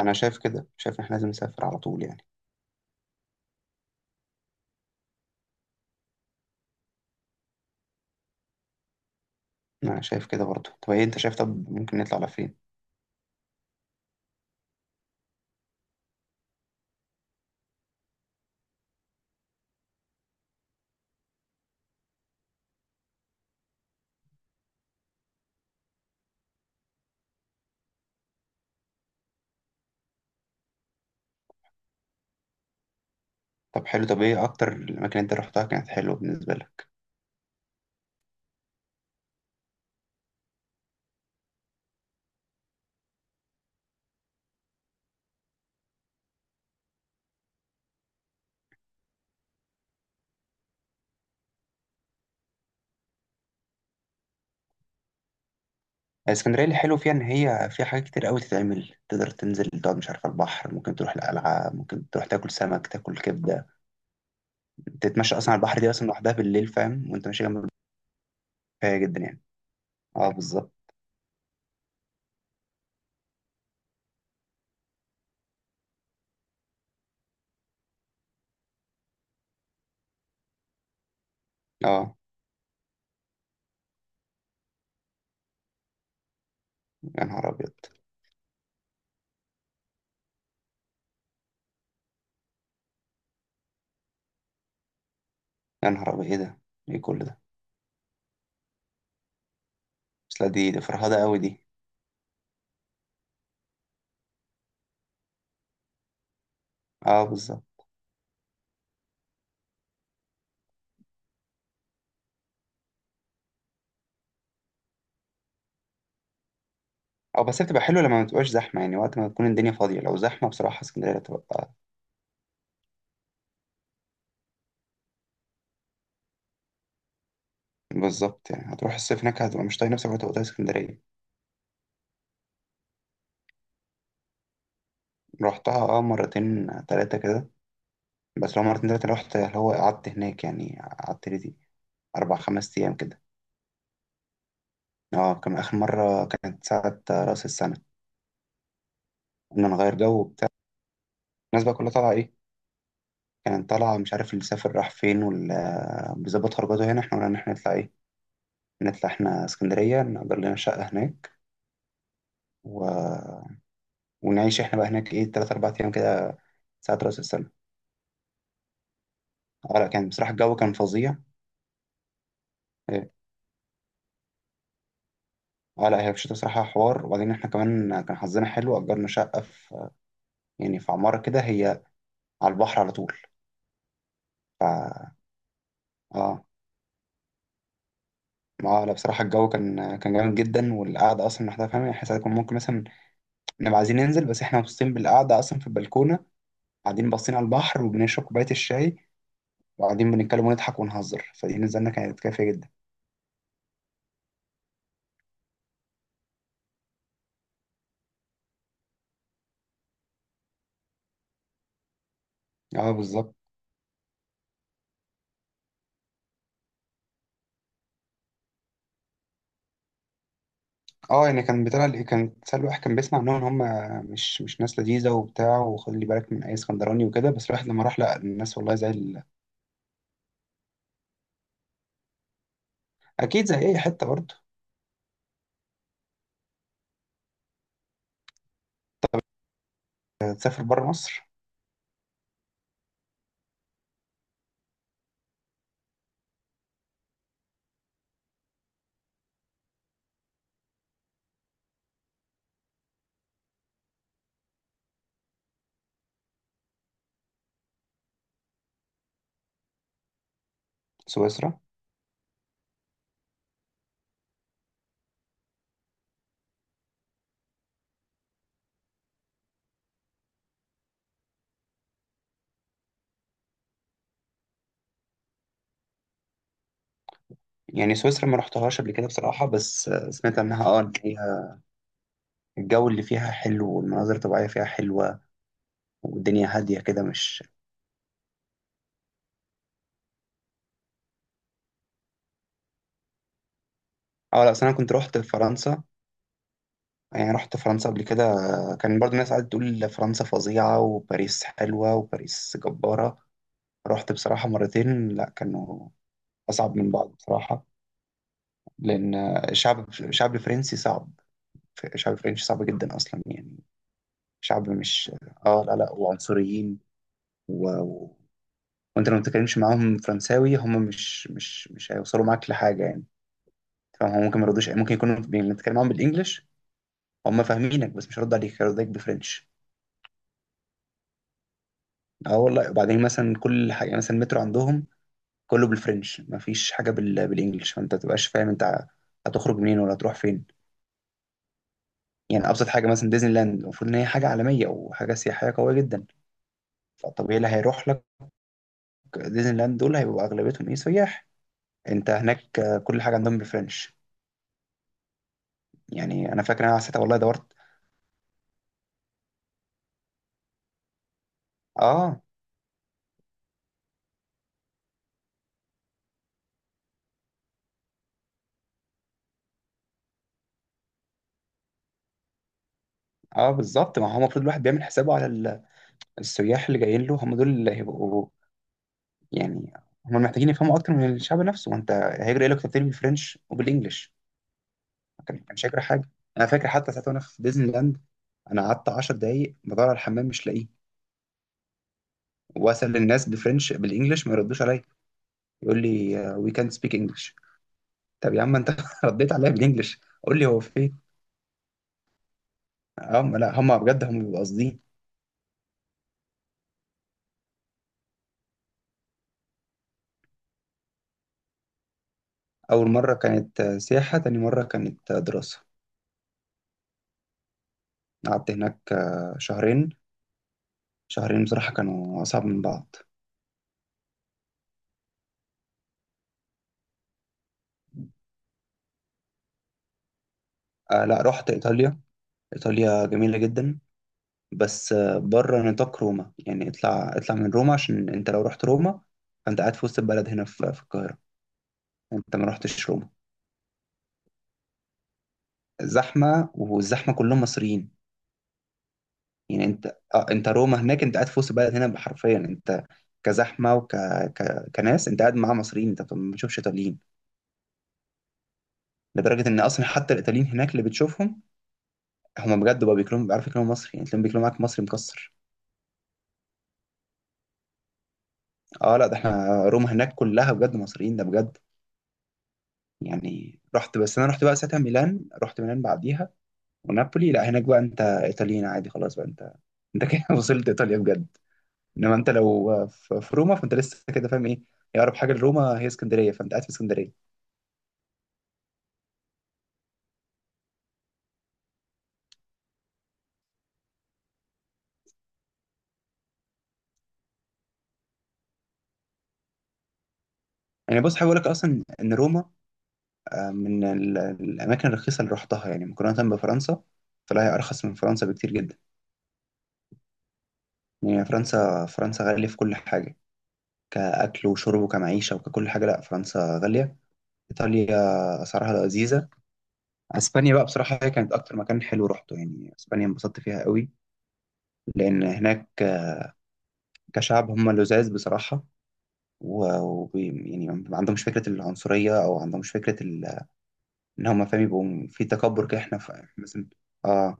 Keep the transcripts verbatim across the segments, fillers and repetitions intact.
انا شايف كده، شايف ان احنا لازم نسافر على طول يعني. انا شايف كده برضه. طب ايه انت شايف؟ طب ممكن نطلع على فين؟ طب حلو، طب ايه اكتر الاماكن اللي انت رحتها كانت حلوه بالنسبه لك؟ اسكندريه، اللي حلو فيها ان هي فيها حاجات كتير قوي تتعمل. تقدر تنزل تقعد مش عارف على البحر، ممكن تروح القلعه، ممكن تروح تاكل سمك، تاكل كبده، تتمشى اصلا على البحر. دي اصلا لوحدها بالليل فاهم، وانت ماشي جنب البحر كفايه جدا يعني. اه بالظبط. اه يا نهار ابيض. يا نهار ابيض، ايه ده؟ ايه كل ده؟ بس لا، دي دي فرهده قوي دي. اه بالظبط. او بس هي بتبقى حلوه لما ما تبقاش زحمه يعني، وقت ما تكون الدنيا فاضيه. لو زحمه بصراحه اسكندريه تبقى بالظبط. يعني هتروح الصيف هناك، هتبقى مش طايق نفسك وتبقى طايق اسكندريه. رحتها اه مرتين ثلاثه كده. بس لو مرتين ثلاثه رحت اللي هو قعدت هناك، يعني قعدت لي دي اربع خمس ايام كده. اه كان اخر مره كانت ساعه راس السنه، قلنا نغير جو وبتاع. الناس بقى كلها طالعه ايه، كانت طالعه. مش عارف اللي سافر راح فين، واللي بيظبط خرجاته هنا. احنا قلنا ان احنا نطلع ايه، نطلع احنا اسكندريه، نأجر لنا شقه هناك، و ونعيش احنا بقى هناك ايه، تلات أربع أيام كده، ساعة رأس السنة. اه لا، كان بصراحة الجو كان فظيع. إيه. اه لا، هي في الشتا بصراحة حوار. وبعدين احنا كمان كان حظنا حلو، أجرنا شقة في يعني في عمارة كده، هي على البحر على طول. اه. اه لا بصراحة الجو كان كان جامد جدا، والقعدة أصلا لوحدها فاهم يعني. ساعات كنا ممكن مثلا نبقى عايزين ننزل بس احنا مبسوطين بالقعدة أصلا في البلكونة، قاعدين باصين على البحر وبنشرب كوباية الشاي، وقاعدين بنتكلم ونضحك ونهزر. فدي نزلنا كانت كافية جدا. اه بالظبط. اه يعني كان بتاع، كان سهل واحد كان بيسمع عنهم ان هم مش مش ناس لذيذه وبتاع، وخلي بالك من اي اسكندراني وكده. بس الواحد لما راح لقى الناس والله زي ال... اكيد زي اي حته برضه. تسافر بره مصر. سويسرا. يعني سويسرا ما رحتهاش قبل كده بصراحه، بس آه، سمعت عنها اه ان هي الجو اللي فيها حلو، والمناظر الطبيعيه فيها حلوه، والدنيا هاديه كده مش. اه لا أصل انا كنت رحت فرنسا. يعني رحت فرنسا قبل كده، كان برضه الناس قاعدة تقول فرنسا فظيعة وباريس حلوة وباريس جبارة. رحت بصراحة مرتين، لا كانوا أصعب من بعض بصراحة. لأن الشعب الشعب الفرنسي صعب، الشعب الفرنسي صعب جدا أصلا يعني. شعب مش، آه، لا لا، وعنصريين و... و... وأنت لو ما بتتكلمش معاهم فرنساوي هم مش مش مش هيوصلوا معاك لحاجة يعني. فاهم، هم ممكن ما يردوش، ممكن يكونوا بنتكلم معاهم بالإنجلش، هم فاهمينك بس مش هيردوا عليك، هيردوا عليك بالفرنش. اه والله. وبعدين مثلا كل حاجة، يعني مثلا المترو عندهم كله بالفرنش، مفيش حاجة بال... بالإنجلش. فأنت ما تبقاش فاهم أنت هتخرج منين ولا هتروح فين. يعني ابسط حاجه مثلا ديزني لاند، المفروض ان هي حاجه عالميه او حاجه سياحيه قويه جدا. فالطبيعي اللي هيروح لك ديزني لاند دول هيبقوا اغلبيتهم ايه، سياح. انت هناك آه، كل حاجه عندهم بالفرنش. يعني انا فاكر انا ساعتها والله دورت. اه. اه بالظبط. ما هو المفروض الواحد بيعمل حسابه على ال- السياح اللي جايين له، هم دول اللي هيبقوا يعني. هم محتاجين يفهموا اكتر من الشعب نفسه، وانت هيجري إيه لك كتير بالفرنش وبالانجلش، كان كان مش هيجري حاجه. انا فاكر حتى ساعتها وانا في ديزني لاند، انا قعدت عشر دقايق بدور على الحمام مش لاقيه، واسال الناس بفرنش بالانجلش ما يردوش عليا. يقول لي وي كانت سبيك انجلش. طب يا عم انت رديت عليا بالانجلش قول لي هو فين. هم لا، هم بجد هم بيبقوا قاصدين. اول مره كانت آه، سياحه، تاني مره كانت آه، دراسه. قعدت هناك آه، شهرين. شهرين بصراحه كانوا اصعب من بعض. آه لا، رحت ايطاليا. ايطاليا جميله جدا، بس آه، بره نطاق روما يعني. اطلع اطلع من روما، عشان انت لو رحت روما فانت قاعد في وسط البلد هنا في في القاهره. انت ما رحتش روما، زحمه والزحمه كلهم مصريين. يعني انت، اه انت روما هناك انت قاعد في وسط بلد هنا حرفيا انت. كزحمه وك ك... كناس، انت قاعد مع مصريين انت ما بتشوفش ايطاليين. لدرجه ان اصلا حتى الايطاليين هناك اللي بتشوفهم هم بجد بقى بيكلموا بيعرفوا يكلموا مصري، يعني تلاقيهم بيكلموا معاك مصري مكسر. اه لا ده احنا روما هناك كلها بجد مصريين، ده بجد. يعني رحت، بس انا رحت بقى ساعتها ميلان، رحت ميلان بعديها ونابولي. لا هناك بقى انت ايطاليين عادي، خلاص بقى انت، انت كده وصلت ايطاليا بجد. انما انت لو في في روما فانت لسه كده فاهم ايه. هي اقرب حاجه لروما هي اسكندريه، فانت قاعد في اسكندريه. يعني بص حابب اقول لك اصلا ان روما آه، من ال- الاماكن الرخيصه اللي رحتها، يعني مقارنه بفرنسا طلع هي ارخص من فرنسا بكتير جدا. يعني فرنسا، فرنسا غاليه في كل حاجه، كاكل وشرب وكمعيشه وككل حاجه. لا فرنسا غاليه. ايطاليا اسعارها لذيذه. اسبانيا بقى بصراحه هي كانت اكتر مكان حلو رحته، يعني اسبانيا انبسطت فيها قوي. لان هناك آه، كشعب هم لذاذ بصراحه، و وبي- يعني ما عندهمش فكره العنصريه، او عندهمش فكره ال- ان هم فاهم يبقوا في تكبر كده. احنا ف- مثلا. اه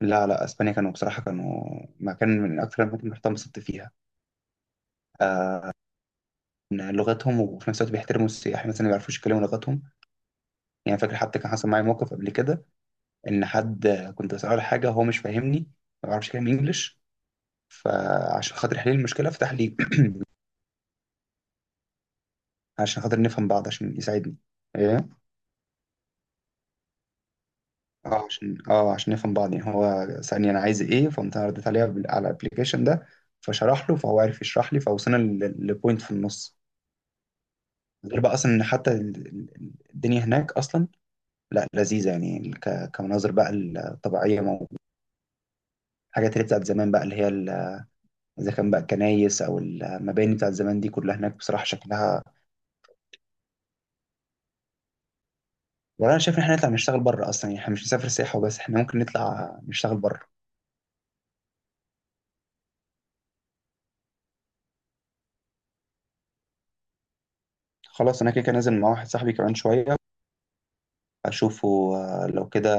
لا لا، اسبانيا كانوا بصراحه كانوا مكان من اكثر الاماكن اللي رحتها انبسطت فيها، من لغتهم. وفي نفس الوقت بيحترموا السياح مثلا اللي ما بيعرفوش يتكلموا لغتهم. يعني فاكر حتى كان حصل معايا موقف قبل كده، ان حد كنت بساله على حاجه هو مش فاهمني، ما بيعرفش يتكلم انجلش. فعشان خاطر يحل لي المشكله فتح لي عشان خاطر نفهم بعض، عشان يساعدني، ايه، اه عشان اه عشان نفهم بعض يعني. هو سألني انا عايز ايه، فقمت انا رديت عليه بال- على الابلكيشن ده، فشرح له، فهو عرف يشرح لي، فوصلنا لبوينت في النص. غير بقى اصلا ان حتى ال- ال- الدنيا هناك اصلا لا لذيذة يعني. ك- كمناظر بقى الطبيعية موجودة، الحاجات اللي بتاعت زمان بقى اللي هي ال- إذا كان بقى الكنايس أو المباني بتاعت زمان دي، كلها هناك بصراحة شكلها. والله أنا شايف إن إحنا نطلع نشتغل بره أصلا. يعني إحنا مش نسافر سياحة وبس، إحنا ممكن نطلع نشتغل بره. خلاص أنا كده كده نازل مع واحد صاحبي كمان شوية أشوفه. آه، لو كده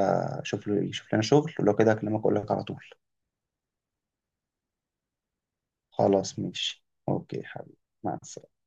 أشوف له يشوف لنا شغل، ولو كده أكلمك أقول لك على طول. خلاص، ماشي، أوكي حبيبي. مع السلامة.